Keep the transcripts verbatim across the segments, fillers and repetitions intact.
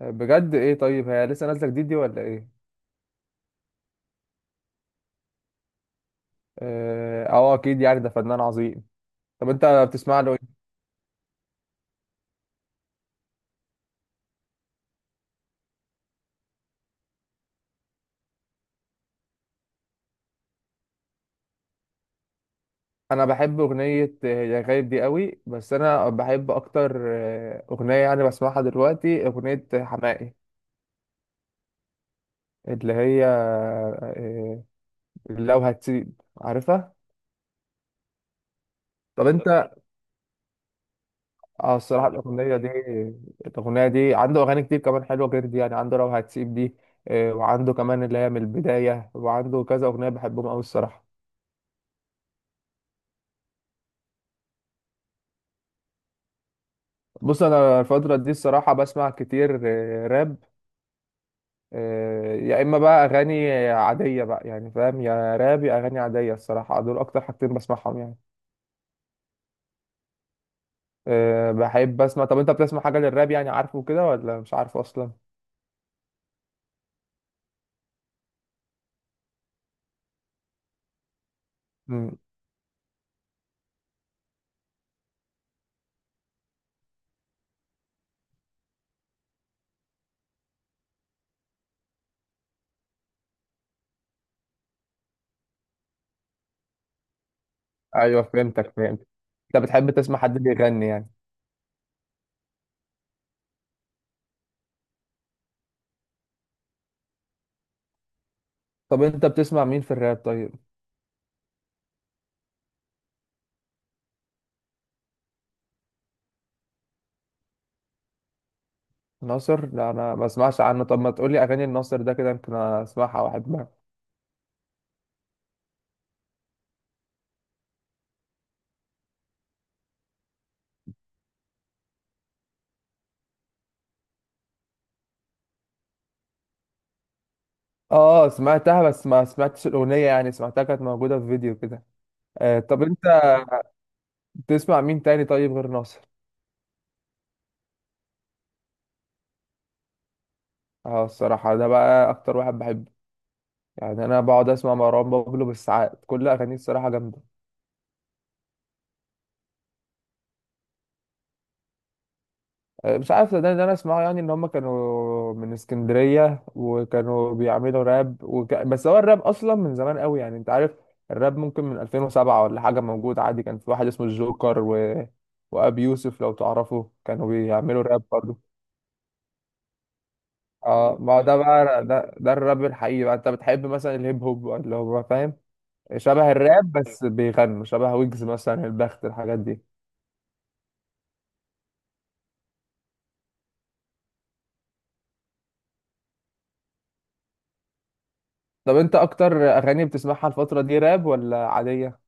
بجد، ايه؟ طيب هي لسه نازله جديد دي ولا ايه؟ اه، آه، اكيد يعني ده فنان عظيم. طب انت بتسمع له ايه؟ انا بحب اغنيه آه، يا غايب دي قوي، بس انا بحب اكتر آه، اغنيه يعني بسمعها دلوقتي اغنيه حماقي. اللي هي آه، لو هتسيب عارفها. طب انت. اه الصراحه، الاغنيه دي الاغنيه دي عنده اغاني كتير كمان حلوه غير دي، يعني عنده لو هتسيب دي. آه، وعنده كمان اللي هي من البدايه، وعنده كذا اغنيه بحبهم قوي الصراحه. بص انا الفتره دي الصراحه بسمع كتير آه، راب. آه، يا اما بقى اغاني عاديه بقى، يعني فاهم، يا راب يا اغاني عاديه، الصراحه دول اكتر حاجتين بسمعهم يعني. آه، بحب اسمع. طب انت بتسمع حاجه للراب يعني، عارفه كده ولا مش عارفه اصلا؟ مم. ايوه، فهمتك فهمت. انت بتحب تسمع حد بيغني يعني؟ طب انت بتسمع مين في الراب طيب؟ ناصر؟ لا، انا ما بسمعش عنه. طب ما تقولي اغاني الناصر ده كده يمكن اسمعها واحبها. اه سمعتها، بس ما سمعتش الاغنيه، يعني سمعتها كانت موجوده في فيديو كده. آه، طب انت. تسمع مين تاني طيب غير ناصر؟ اه الصراحة ده بقى أكتر واحد بحبه، يعني أنا بقعد أسمع مروان بابلو بالساعات، كل أغانيه الصراحة جامدة. آه، مش عارف، ده ده أنا أسمعه، يعني إن هما كانوا من اسكندرية وكانوا بيعملوا راب، وك... بس هو الراب أصلا من زمان قوي، يعني أنت عارف. الراب ممكن من ألفين وسبعة ولا حاجة موجود عادي، كان في واحد اسمه الجوكر و... وأبي يوسف لو تعرفه كانوا بيعملوا راب برضه. اه ما هو ده بقى، ده, ده الراب الحقيقي بقى. أنت بتحب مثلا الهيب هوب اللي هو، فاهم، شبه الراب بس بيغنوا شبه ويجز مثلا، البخت الحاجات دي. طب انت اكتر اغاني بتسمعها الفترة دي راب ولا عادية؟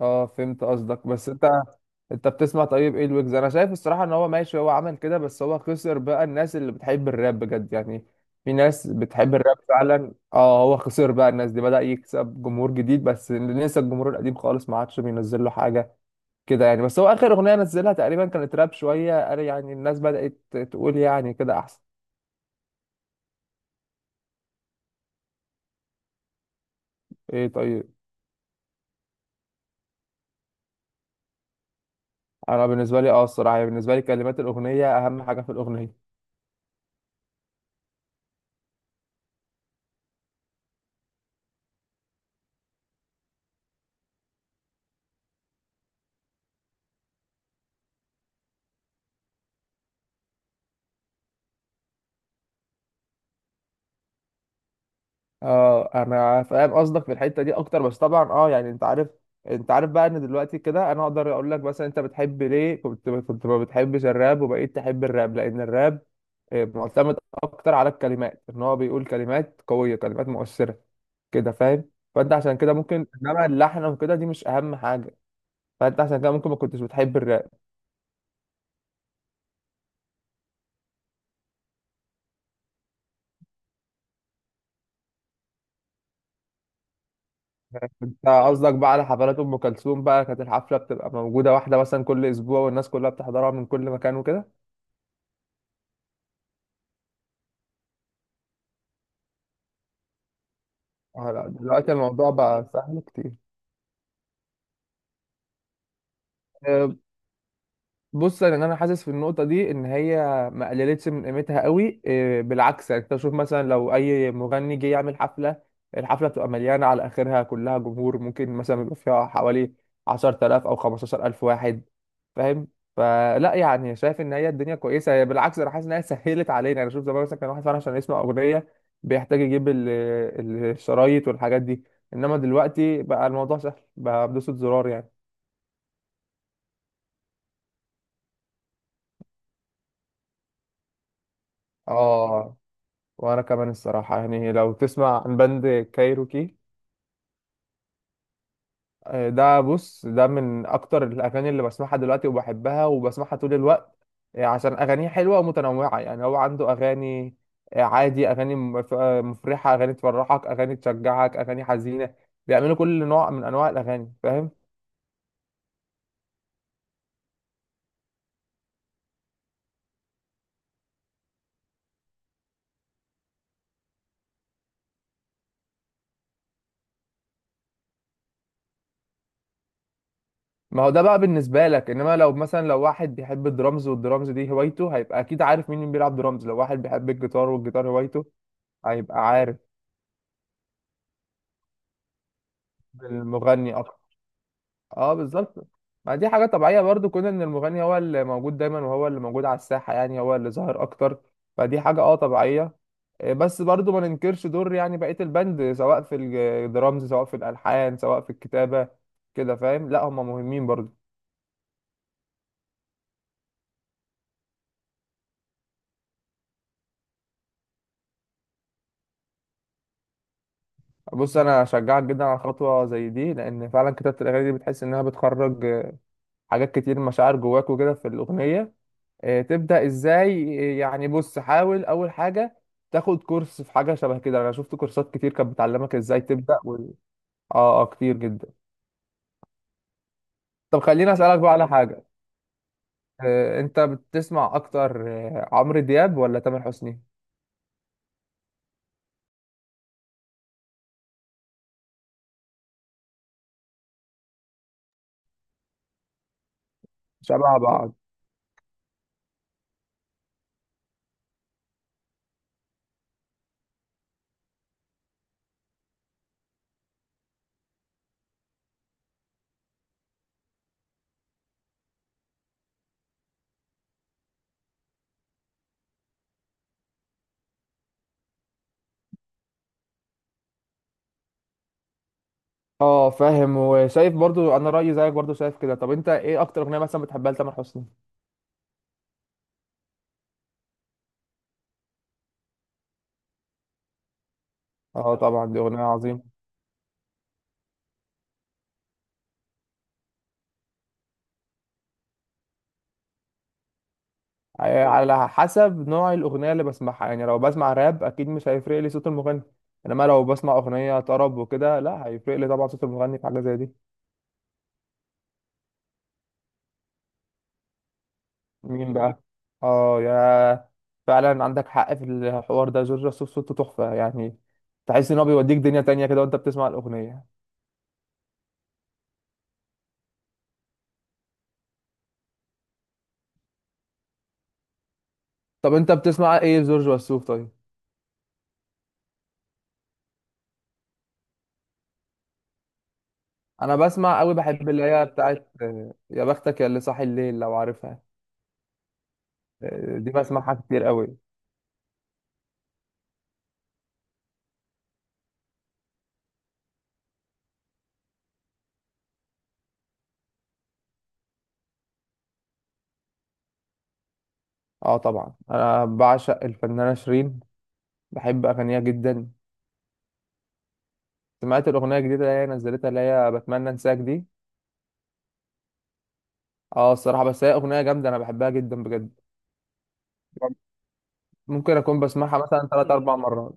اه فهمت قصدك، بس انت انت بتسمع، طيب ايه الويجز، انا شايف الصراحة ان هو ماشي، هو عمل كده بس هو خسر بقى الناس اللي بتحب الراب بجد يعني. في ناس بتحب الراب فعلا، اه هو خسر بقى الناس دي، بدأ يكسب جمهور جديد بس نسى الجمهور القديم خالص، ما عادش بينزل له حاجة كده يعني. بس هو اخر اغنية نزلها تقريبا كانت راب شوية، قال يعني الناس بدأت تقول يعني كده احسن. ايه؟ طيب. انا بالنسبه لي اه الصراحه يعني، بالنسبه لي كلمات الاغنيه اهم حاجه في الاغنيه. اه انا فاهم قصدك في الحته دي اكتر، بس طبعا اه يعني انت عارف انت عارف بقى ان دلوقتي كده انا اقدر اقول لك مثلا، انت بتحب ليه كنت كنت ما بتحبش الراب وبقيت تحب الراب، لان الراب آه، معتمد اكتر على الكلمات، ان هو بيقول كلمات قويه، كلمات مؤثره كده، فاهم. فانت عشان كده ممكن، انما اللحن وكده دي مش اهم حاجه، فانت عشان كده ممكن ما كنتش بتحب الراب. انت قصدك بقى على حفلات ام كلثوم بقى، كانت الحفله بتبقى موجوده واحده مثلا كل اسبوع، والناس كلها بتحضرها من كل مكان وكده. اه لا، دلوقتي الموضوع بقى سهل كتير. بص انا انا حاسس في النقطه دي ان هي ما قللتش من قيمتها قوي، إيه، بالعكس، يعني انت شوف مثلا لو اي مغني جه يعمل حفله، الحفله بتبقى مليانه على اخرها كلها جمهور، ممكن مثلا يبقى فيها حوالي عشرة آلاف او خمسة عشر الف واحد، فاهم. فلا يعني شايف ان هي الدنيا كويسه، هي بالعكس، انا حاسس ان هي سهلت علينا، يعني شوف زمان مثلا كان واحد فعلا عشان يسمع اغنيه بيحتاج يجيب ال- ال- الشرايط والحاجات دي، انما دلوقتي بقى الموضوع سهل بقى بدوسة زرار يعني. اه وانا كمان الصراحه، يعني لو تسمع عن باند كايروكي. آه، ده بص ده من اكتر الاغاني اللي بسمعها دلوقتي وبحبها وبسمعها طول الوقت، آه، عشان اغانيه حلوه ومتنوعه، يعني هو عنده اغاني آه، عادي، اغاني مف- آه، مفرحه، اغاني تفرحك، اغاني تشجعك، اغاني حزينه، بيعملوا كل نوع من انواع الاغاني، فاهم. ما هو ده بقى بالنسبه لك، انما لو مثلا لو واحد بيحب الدرامز والدرامز دي هوايته هيبقى اكيد عارف مين بيلعب درامز، لو واحد بيحب الجيتار والجيتار هوايته هيبقى عارف المغني اكتر. اه بالظبط. ما دي حاجة طبيعية برضو، كون ان المغني هو اللي موجود دايما وهو اللي موجود على الساحة، يعني هو اللي ظاهر اكتر، فدي حاجة اه طبيعية. إيه بس برضو ما ننكرش دور يعني بقية البند، سواء في الدرامز سواء في الالحان سواء في الكتابة كده، فاهم، لا هم مهمين برضو. بص انا اشجعك جدا على خطوة زي دي، لان فعلا كتابة الاغاني دي بتحس انها بتخرج آه، حاجات كتير، مشاعر جواك وكده في الاغنية. آه، تبدأ ازاي؟ آه، يعني بص، حاول اول حاجة تاخد كورس في حاجة شبه كده، انا شفت كورسات كتير كانت بتعلمك ازاي تبدأ و... اه، اه، كتير جدا. طب خليني اسألك بقى على حاجة، آه، انت بتسمع اكتر آه، عمرو دياب ولا تامر حسني؟ شبه بعض. اه فاهم، وشايف برضو، انا رأيي زيك برضو شايف كده. طب انت ايه اكتر اغنية مثلا بتحبها لتامر حسني؟ اه طبعا دي اغنية عظيمة. على حسب نوع الأغنية اللي بسمعها، يعني لو بسمع راب أكيد مش هيفرق لي صوت المغني، إنما لو بسمع أغنية طرب وكده لا، هيفرق لي طبعا صوت المغني في حاجة زي دي. مين بقى؟ آه يا فعلا عندك حق في الحوار ده، جورج وسوف صوته تحفة يعني، تحس إن هو بيوديك دنيا تانية كده وأنت بتسمع الأغنية. طب أنت بتسمع إيه جورج وسوف طيب؟ أنا بسمع أوي، بحب اللي هي بتاعت آه، يا بختك يا اللي صاحي الليل، لو عارفها. آه، دي بسمعها كتير أوي. اه طبعا، انا بعشق الفنانه شيرين، بحب اغانيها جدا. سمعت الاغنيه الجديده اللي هي نزلتها اللي هي بتمنى انساك دي. اه الصراحه، بس هي اغنيه جامده، انا بحبها جدا بجد، ممكن اكون بسمعها مثلا ثلاث اربع مرات.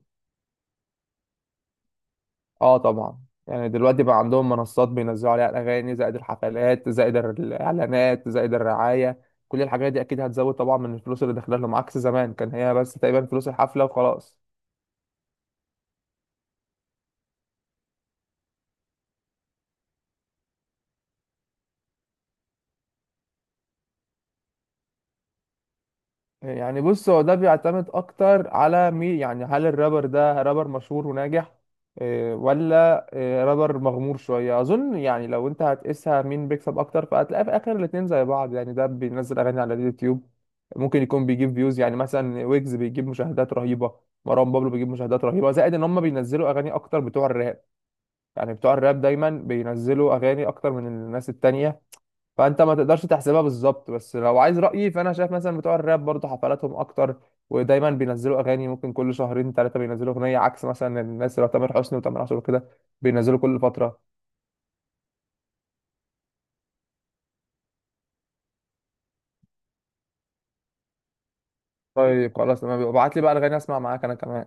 اه طبعا، يعني دلوقتي بقى عندهم منصات بينزلوا عليها الاغاني، زائد الحفلات زائد الاعلانات زائد الرعايه، كل الحاجات دي اكيد هتزود طبعا من الفلوس اللي داخله لهم، عكس زمان كان هي بس تقريبا فلوس الحفله وخلاص. يعني بص، هو ده بيعتمد اكتر على مين، يعني هل الرابر ده رابر مشهور وناجح إيه، ولا إيه، رابر مغمور شوية، اظن يعني لو انت هتقيسها مين بيكسب اكتر فهتلاقي في اخر الاتنين زي بعض، يعني ده بينزل اغاني على اليوتيوب ممكن يكون بيجيب فيوز، يعني مثلا ويجز بيجيب مشاهدات رهيبة، مروان بابلو بيجيب مشاهدات رهيبة، زائد ان هم بينزلوا اغاني اكتر بتوع الراب، يعني بتوع الراب دايما بينزلوا اغاني اكتر من الناس التانية. فانت ما تقدرش تحسبها بالظبط، بس لو عايز رأيي فانا شايف مثلا بتوع الراب برضه حفلاتهم اكتر، ودايما بينزلوا اغاني ممكن كل شهرين ثلاثة بينزلوا اغنية، عكس مثلا الناس اللي هو تامر حسني وتامر عاشور كده بينزلوا كل فترة. طيب خلاص تمام، ابعت لي بقى الاغاني اسمع معاك انا كمان.